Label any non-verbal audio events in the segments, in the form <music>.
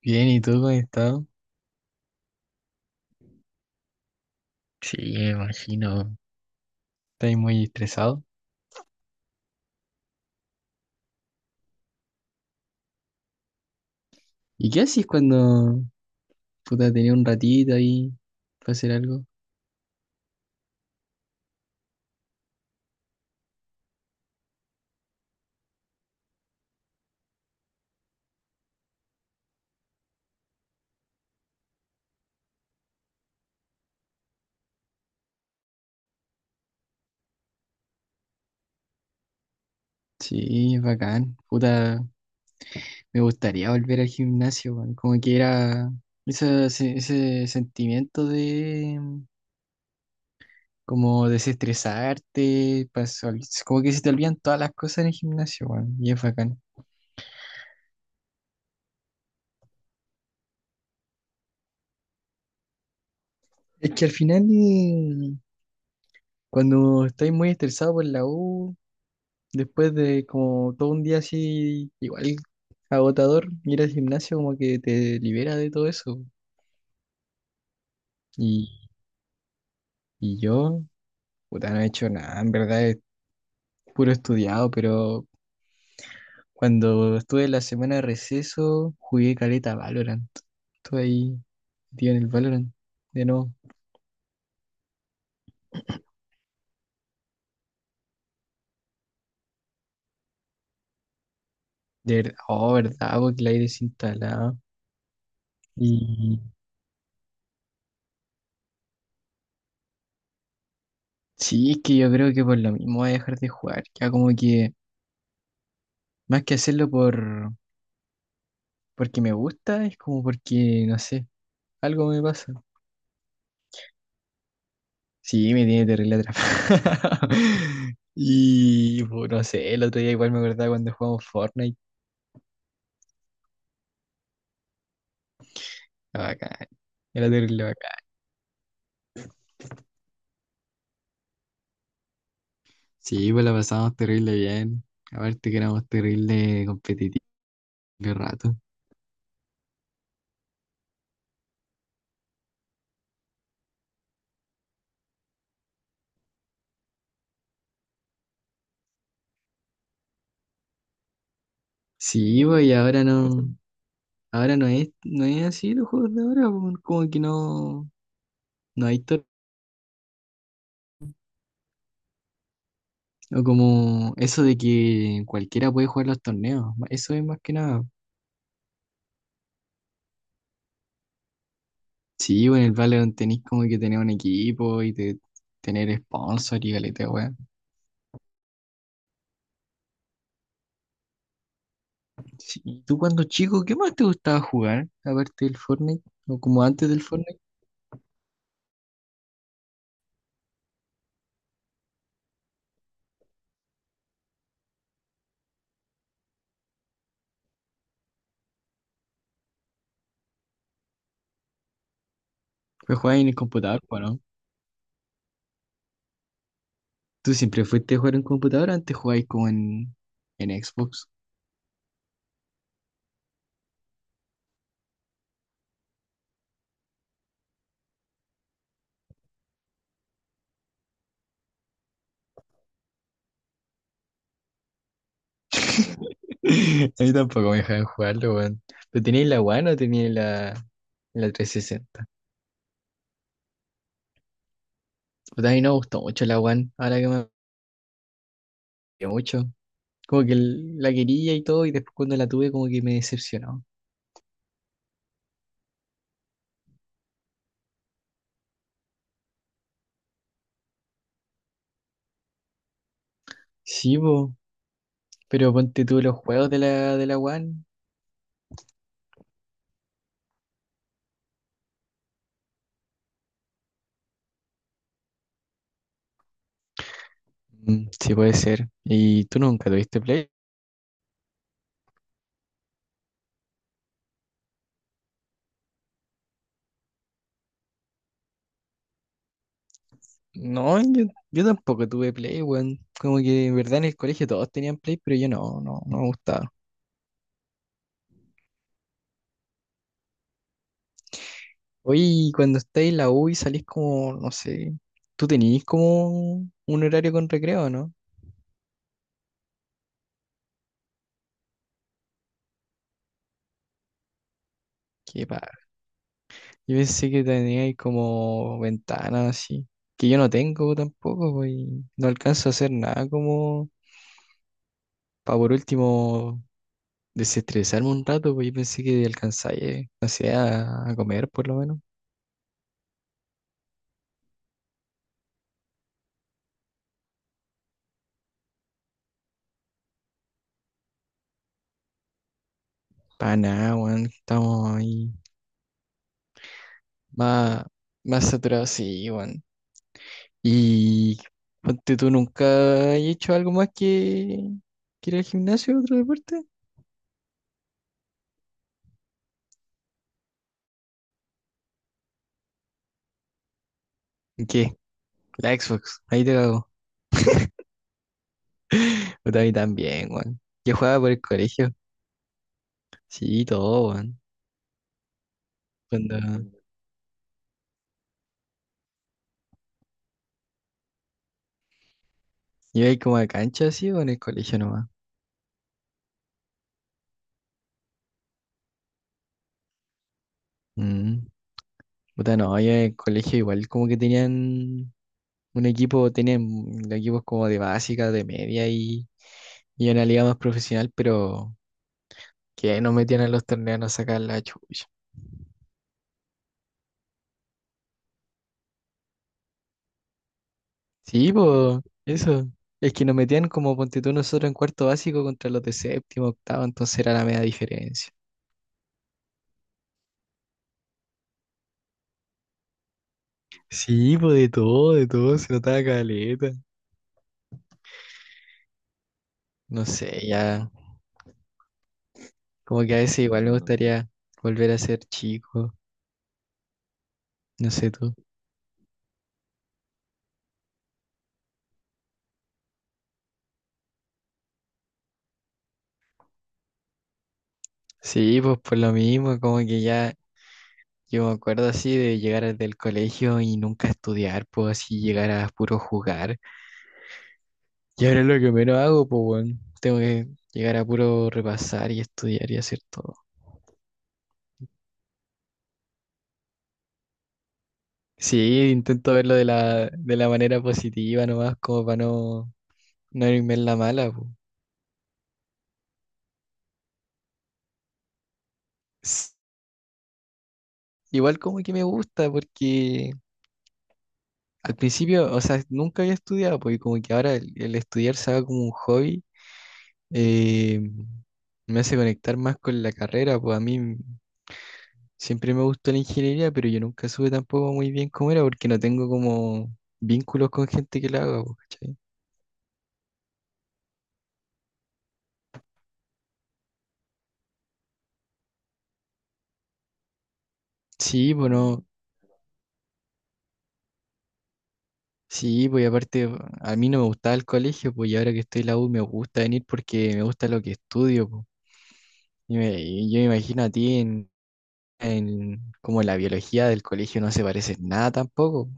Bien, ¿y tú cómo has estado? Sí, me imagino. ¿Estás muy estresado? ¿Y qué haces cuando, puta, tenía un ratito ahí para hacer algo? Sí, es bacán. Puta, me gustaría volver al gimnasio, weón. Como que era ese sentimiento de como desestresarte, pasó, como que se te olvidan todas las cosas en el gimnasio, weón. Y es bacán. Es que al final, cuando estás muy estresado por la U, después de como todo un día así, igual agotador, ir al gimnasio como que te libera de todo eso. Y, y yo, puta, no he hecho nada, en verdad es puro estudiado, pero cuando estuve en la semana de receso, jugué caleta Valorant. Estuve ahí, tío, en el Valorant, de nuevo. De verdad, oh, verdad, porque la aire instalado. Y sí, es que yo creo que por lo mismo voy a dejar de jugar, ya como que más que hacerlo por porque me gusta, es como porque, no sé, algo me pasa. Sí, me tiene terrible atrapado. <laughs> Y, pues, no sé, el otro día igual me acordaba cuando jugamos Fortnite. Era bacán, era terrible bacán. Sí, pues la pasamos terrible bien. Aparte que éramos terrible competitivos de rato. Sí, pues, y ahora no, ahora no es así los juegos de ahora, pues, como que no hay o como eso de que cualquiera puede jugar los torneos, eso es más que nada. Sí, güey, en el Valorant tenés como que tener un equipo y tener sponsor y galeta, weón. Sí, ¿y tú cuando chico, qué más te gustaba jugar? Aparte del Fortnite, o como antes del Fortnite, pues jugabas en el computador, po, ¿no? ¿Tú siempre fuiste a jugar en computador o antes jugabas como en Xbox? <laughs> A mí tampoco me dejaban jugarlo, weón. ¿Pero tenías la One o tenías la 360? Pues a mí no me gustó mucho la One, ahora que me gustó mucho. Como que la quería y todo, y después cuando la tuve como que me decepcionó. Sí, po, pero ponte tú los juegos de la One. Mm, sí, puede ser. ¿Y tú nunca tuviste Play? No, yo tampoco tuve Play, weón. Como que en verdad en el colegio todos tenían Play, pero yo no me gustaba. Hoy cuando estáis en la U y salís como, no sé, tú tenías como un horario con recreo, ¿no? Qué padre. Yo pensé que teníais como ventanas así, que yo no tengo tampoco, po, y no alcanzo a hacer nada como para por último desestresarme un rato, pues yo pensé que alcanzáis, no sé, a comer por lo menos. Para nada, weón, estamos ahí más, más saturados, sí, weón. Y ponte tú, ¿nunca has hecho algo más que ir al gimnasio o otro deporte? ¿Qué? La Xbox, ahí te cago. Puta, a mí también, weón. Yo jugaba por el colegio, sí, todo, weón. Cuando iba ahí como a cancha, sí, o en el colegio nomás. Mm. Puta, no, yo en el colegio igual como que tenían un equipo, tienen equipos como de básica, de media y una liga más profesional, pero que no metían a los torneos a sacar la chucha. Sí, pues, eso. Es que nos metían como ponte tú nosotros en cuarto básico contra los de séptimo, octavo, entonces era la media diferencia. Sí, pues de todo, se notaba caleta. No sé, ya, como que a veces igual me gustaría volver a ser chico, no sé tú. Sí, pues por lo mismo, como que ya yo me acuerdo así de llegar del colegio y nunca estudiar, pues así llegar a puro jugar. Y ahora es lo que menos hago, pues bueno, tengo que llegar a puro repasar y estudiar y hacer todo. Sí, intento verlo de la manera positiva nomás, como para no irme en la mala, pues. S- Igual como que me gusta, porque al principio, o sea, nunca había estudiado, pues y como que ahora el estudiar se va como un hobby, eh, me hace conectar más con la carrera, pues a mí siempre me gustó la ingeniería, pero yo nunca supe tampoco muy bien cómo era porque no tengo como vínculos con gente que la haga, po, ¿cachai? Sí, pues no. Sí, pues y aparte a mí no me gustaba el colegio, pues y ahora que estoy en la U me gusta venir porque me gusta lo que estudio, pues. Y, y yo me imagino a ti en como la biología del colegio no se parece en nada tampoco.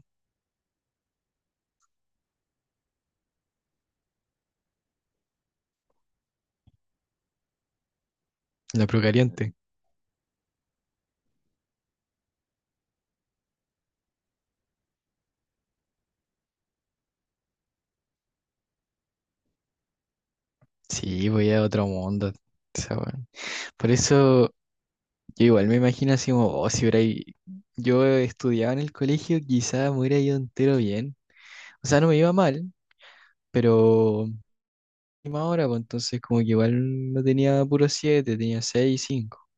La procariante. Sí, voy a otro mundo. Esa weá. Por eso yo igual me imagino así como, oh, si hubiera i- yo estudiaba en el colegio, quizás me hubiera ido entero bien. O sea, no me iba mal, pero última hora, pues entonces como que igual no tenía puro 7 tenía seis cinco 5.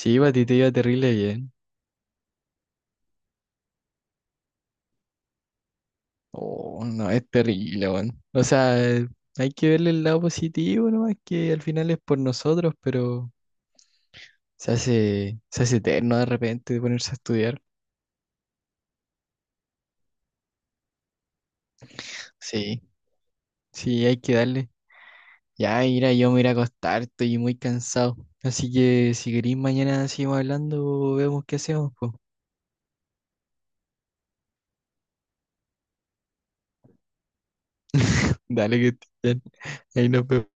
Sí, a ti te iba terrible bien. Oh, no, es terrible, weón. O sea, hay que verle el lado positivo nomás, que al final es por nosotros, pero se hace eterno de repente ponerse a estudiar. Sí, sí, hay que darle. Ya, mira, yo me iré a acostar, estoy muy cansado. Así que si querís, mañana seguimos hablando, vemos qué hacemos, pues. Dale que estés bien. Ahí nos vemos.